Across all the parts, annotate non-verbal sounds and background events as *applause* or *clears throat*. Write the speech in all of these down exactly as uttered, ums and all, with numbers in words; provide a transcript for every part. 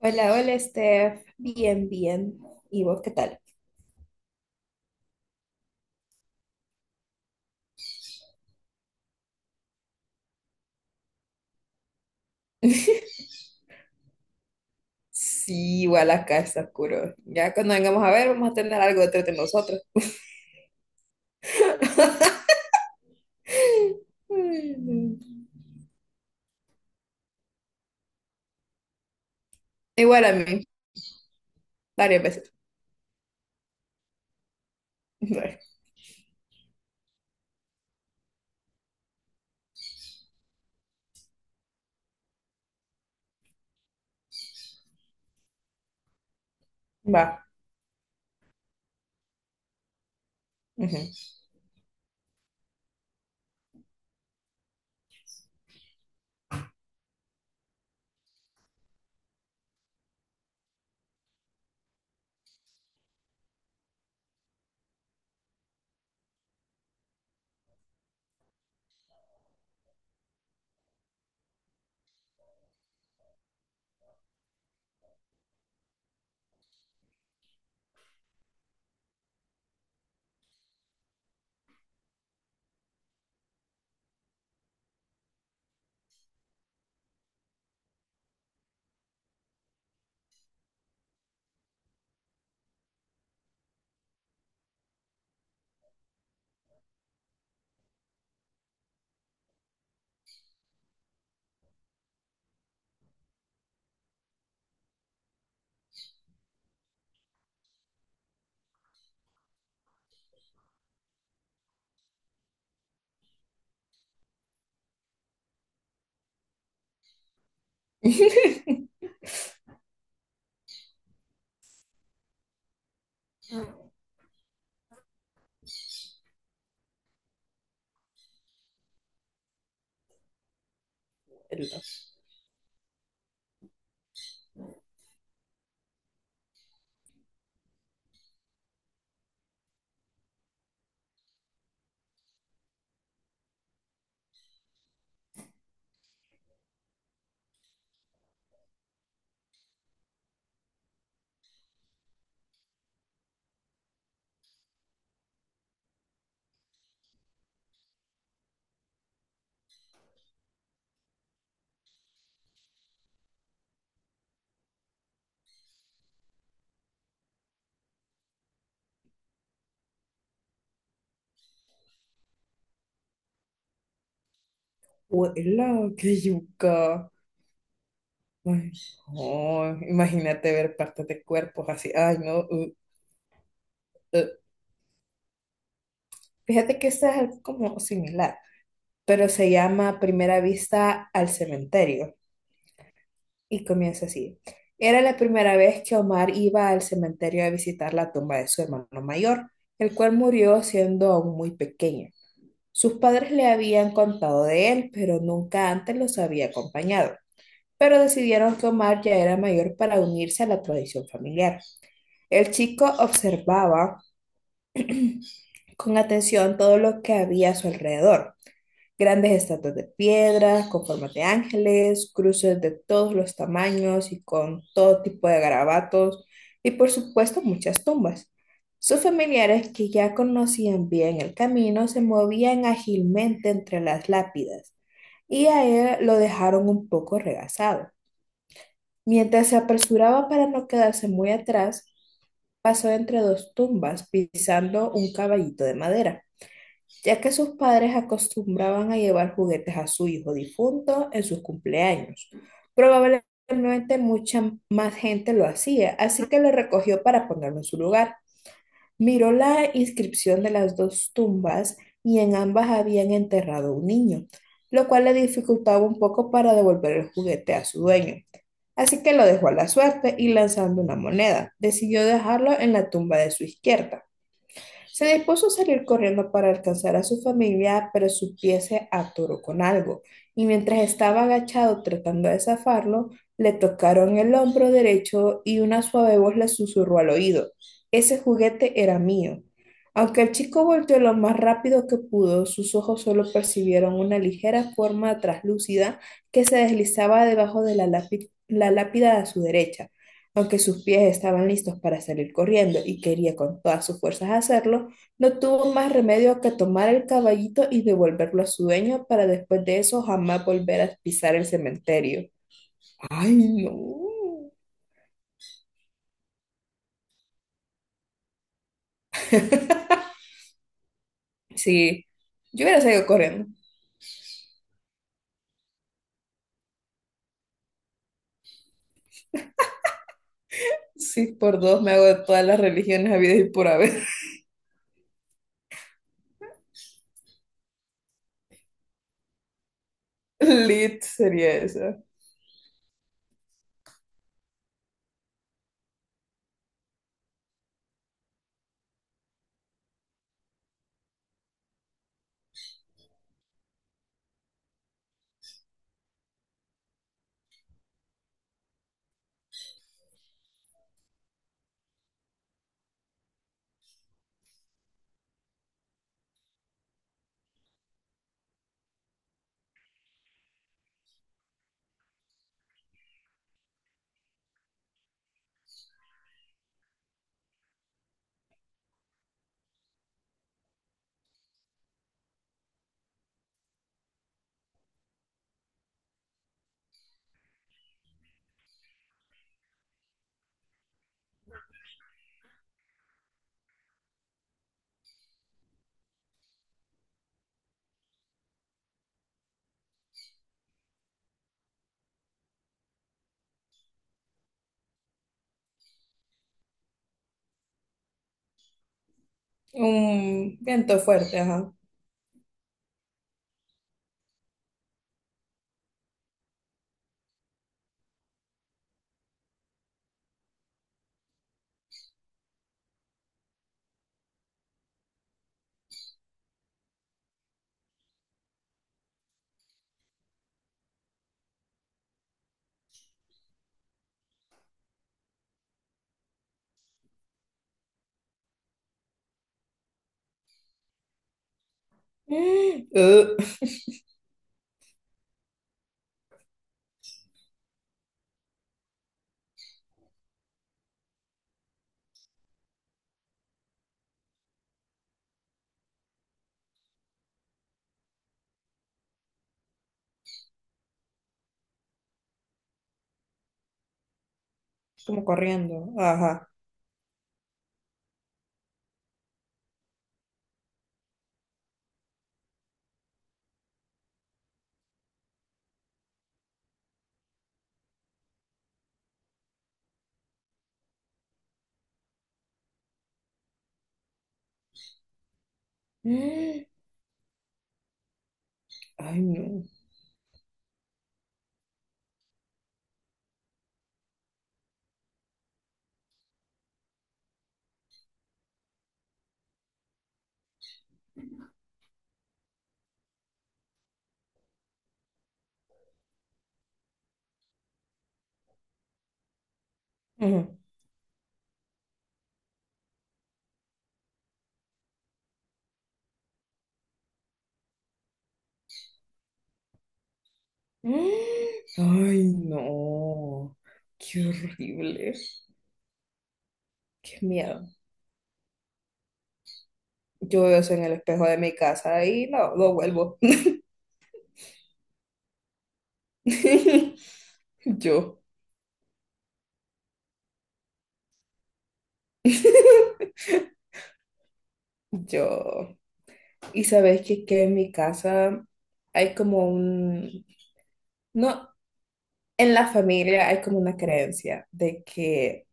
Hola, hola Steph, bien, bien. ¿Y vos qué tal? Sí, igual acá está oscuro. Ya cuando vengamos a ver, vamos a tener algo detrás de nosotros. *laughs* Ay, no. Igual a mí, varias veces. Va. Ujú. *laughs* Ela, ela, qué yuca. Ay, no, imagínate ver partes de cuerpos así. Ay, no. uh, uh. Fíjate que este es algo como similar, pero se llama Primera Vista al Cementerio. Y comienza así. Era la primera vez que Omar iba al cementerio a visitar la tumba de su hermano mayor, el cual murió siendo aún muy pequeño. Sus padres le habían contado de él, pero nunca antes los había acompañado. Pero decidieron que Omar ya era mayor para unirse a la tradición familiar. El chico observaba *clears throat* con atención todo lo que había a su alrededor. Grandes estatuas de piedra, con formas de ángeles, cruces de todos los tamaños y con todo tipo de garabatos, y por supuesto muchas tumbas. Sus familiares, que ya conocían bien el camino, se movían ágilmente entre las lápidas, y a él lo dejaron un poco regazado. Mientras se apresuraba para no quedarse muy atrás, pasó entre dos tumbas pisando un caballito de madera ya que sus padres acostumbraban a llevar juguetes a su hijo difunto en sus cumpleaños. Probablemente mucha más gente lo hacía, así que lo recogió para ponerlo en su lugar. Miró la inscripción de las dos tumbas y en ambas habían enterrado un niño, lo cual le dificultaba un poco para devolver el juguete a su dueño. Así que lo dejó a la suerte y lanzando una moneda, decidió dejarlo en la tumba de su izquierda. Se dispuso a salir corriendo para alcanzar a su familia, pero su pie se atoró con algo, y mientras estaba agachado tratando de zafarlo, le tocaron el hombro derecho y una suave voz le susurró al oído. Ese juguete era mío. Aunque el chico volteó lo más rápido que pudo, sus ojos solo percibieron una ligera forma traslúcida que se deslizaba debajo de la lápi- la lápida a su derecha. Aunque sus pies estaban listos para salir corriendo y quería con todas sus fuerzas hacerlo, no tuvo más remedio que tomar el caballito y devolverlo a su dueño para después de eso jamás volver a pisar el cementerio. Ay, no. Sí, yo hubiera salido corriendo. Sí, por dos me hago de todas las religiones habidas y por haber. *laughs* Lit sería eso. Un viento fuerte, ajá. Mm, uh, Como corriendo, ajá. Mm, Ay, no. Ujú. Mm. Ay, no, qué horrible, qué miedo. Yo veo eso en el espejo de mi casa y no, no vuelvo. *laughs* Yo, yo. Y sabes que, que en mi casa hay como un, no, en la familia hay como una creencia de que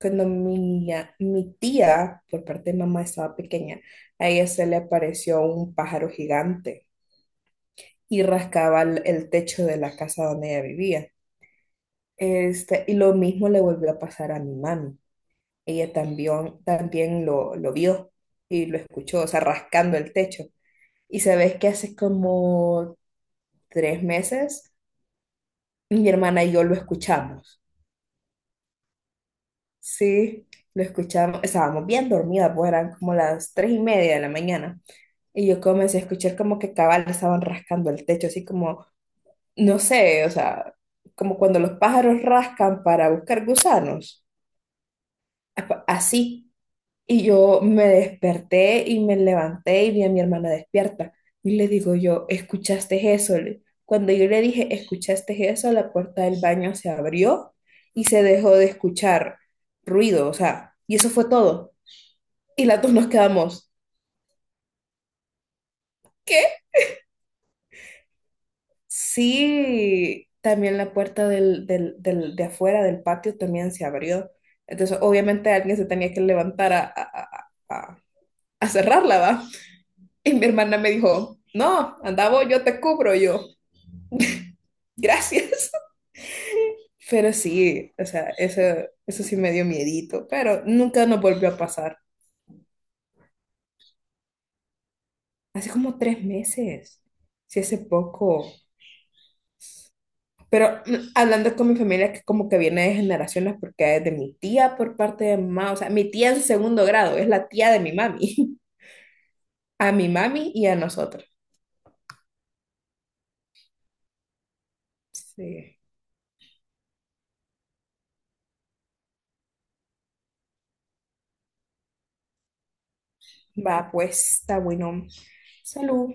cuando mi niña- mi tía, por parte de mamá, estaba pequeña, a ella se le apareció un pájaro gigante y rascaba el el techo de la casa donde ella vivía. Este, y lo mismo le volvió a pasar a mi mami. Ella también, también lo, lo vio y lo escuchó, o sea, rascando el techo. Y sabes que hace como tres meses mi hermana y yo lo escuchamos. Sí, lo escuchamos. Estábamos bien dormidas, pues eran como las tres y media de la mañana. Y yo comencé a escuchar como que cabal estaban rascando el techo, así como, no sé, o sea, como cuando los pájaros rascan para buscar gusanos. Apa- Así. Y yo me desperté y me levanté y vi a mi hermana despierta. Y le digo yo, ¿escuchaste eso? Le- Cuando yo le dije, ¿escuchaste eso? La puerta del baño se abrió y se dejó de escuchar ruido, o sea, y eso fue todo. Y las dos nos quedamos, ¿qué? Sí, también la puerta del, del, del- de afuera del patio también se abrió. Entonces, obviamente alguien se tenía que levantar a, a, a, a a cerrarla, ¿va? *laughs* Y mi hermana me dijo, no, andaba yo te cubro yo. Gracias. *laughs* Pero sí, o sea, eso, eso sí me dio miedito, pero nunca nos volvió a pasar. Hace como tres meses, sí, hace poco. Pero mm, hablando con mi familia, que como que viene de generaciones, porque es de mi tía por parte de mamá, o sea, mi tía en segundo grado, es la tía de mi mami, *laughs* a mi mami y a nosotros. Sí. Va, pues, está bueno. Salud.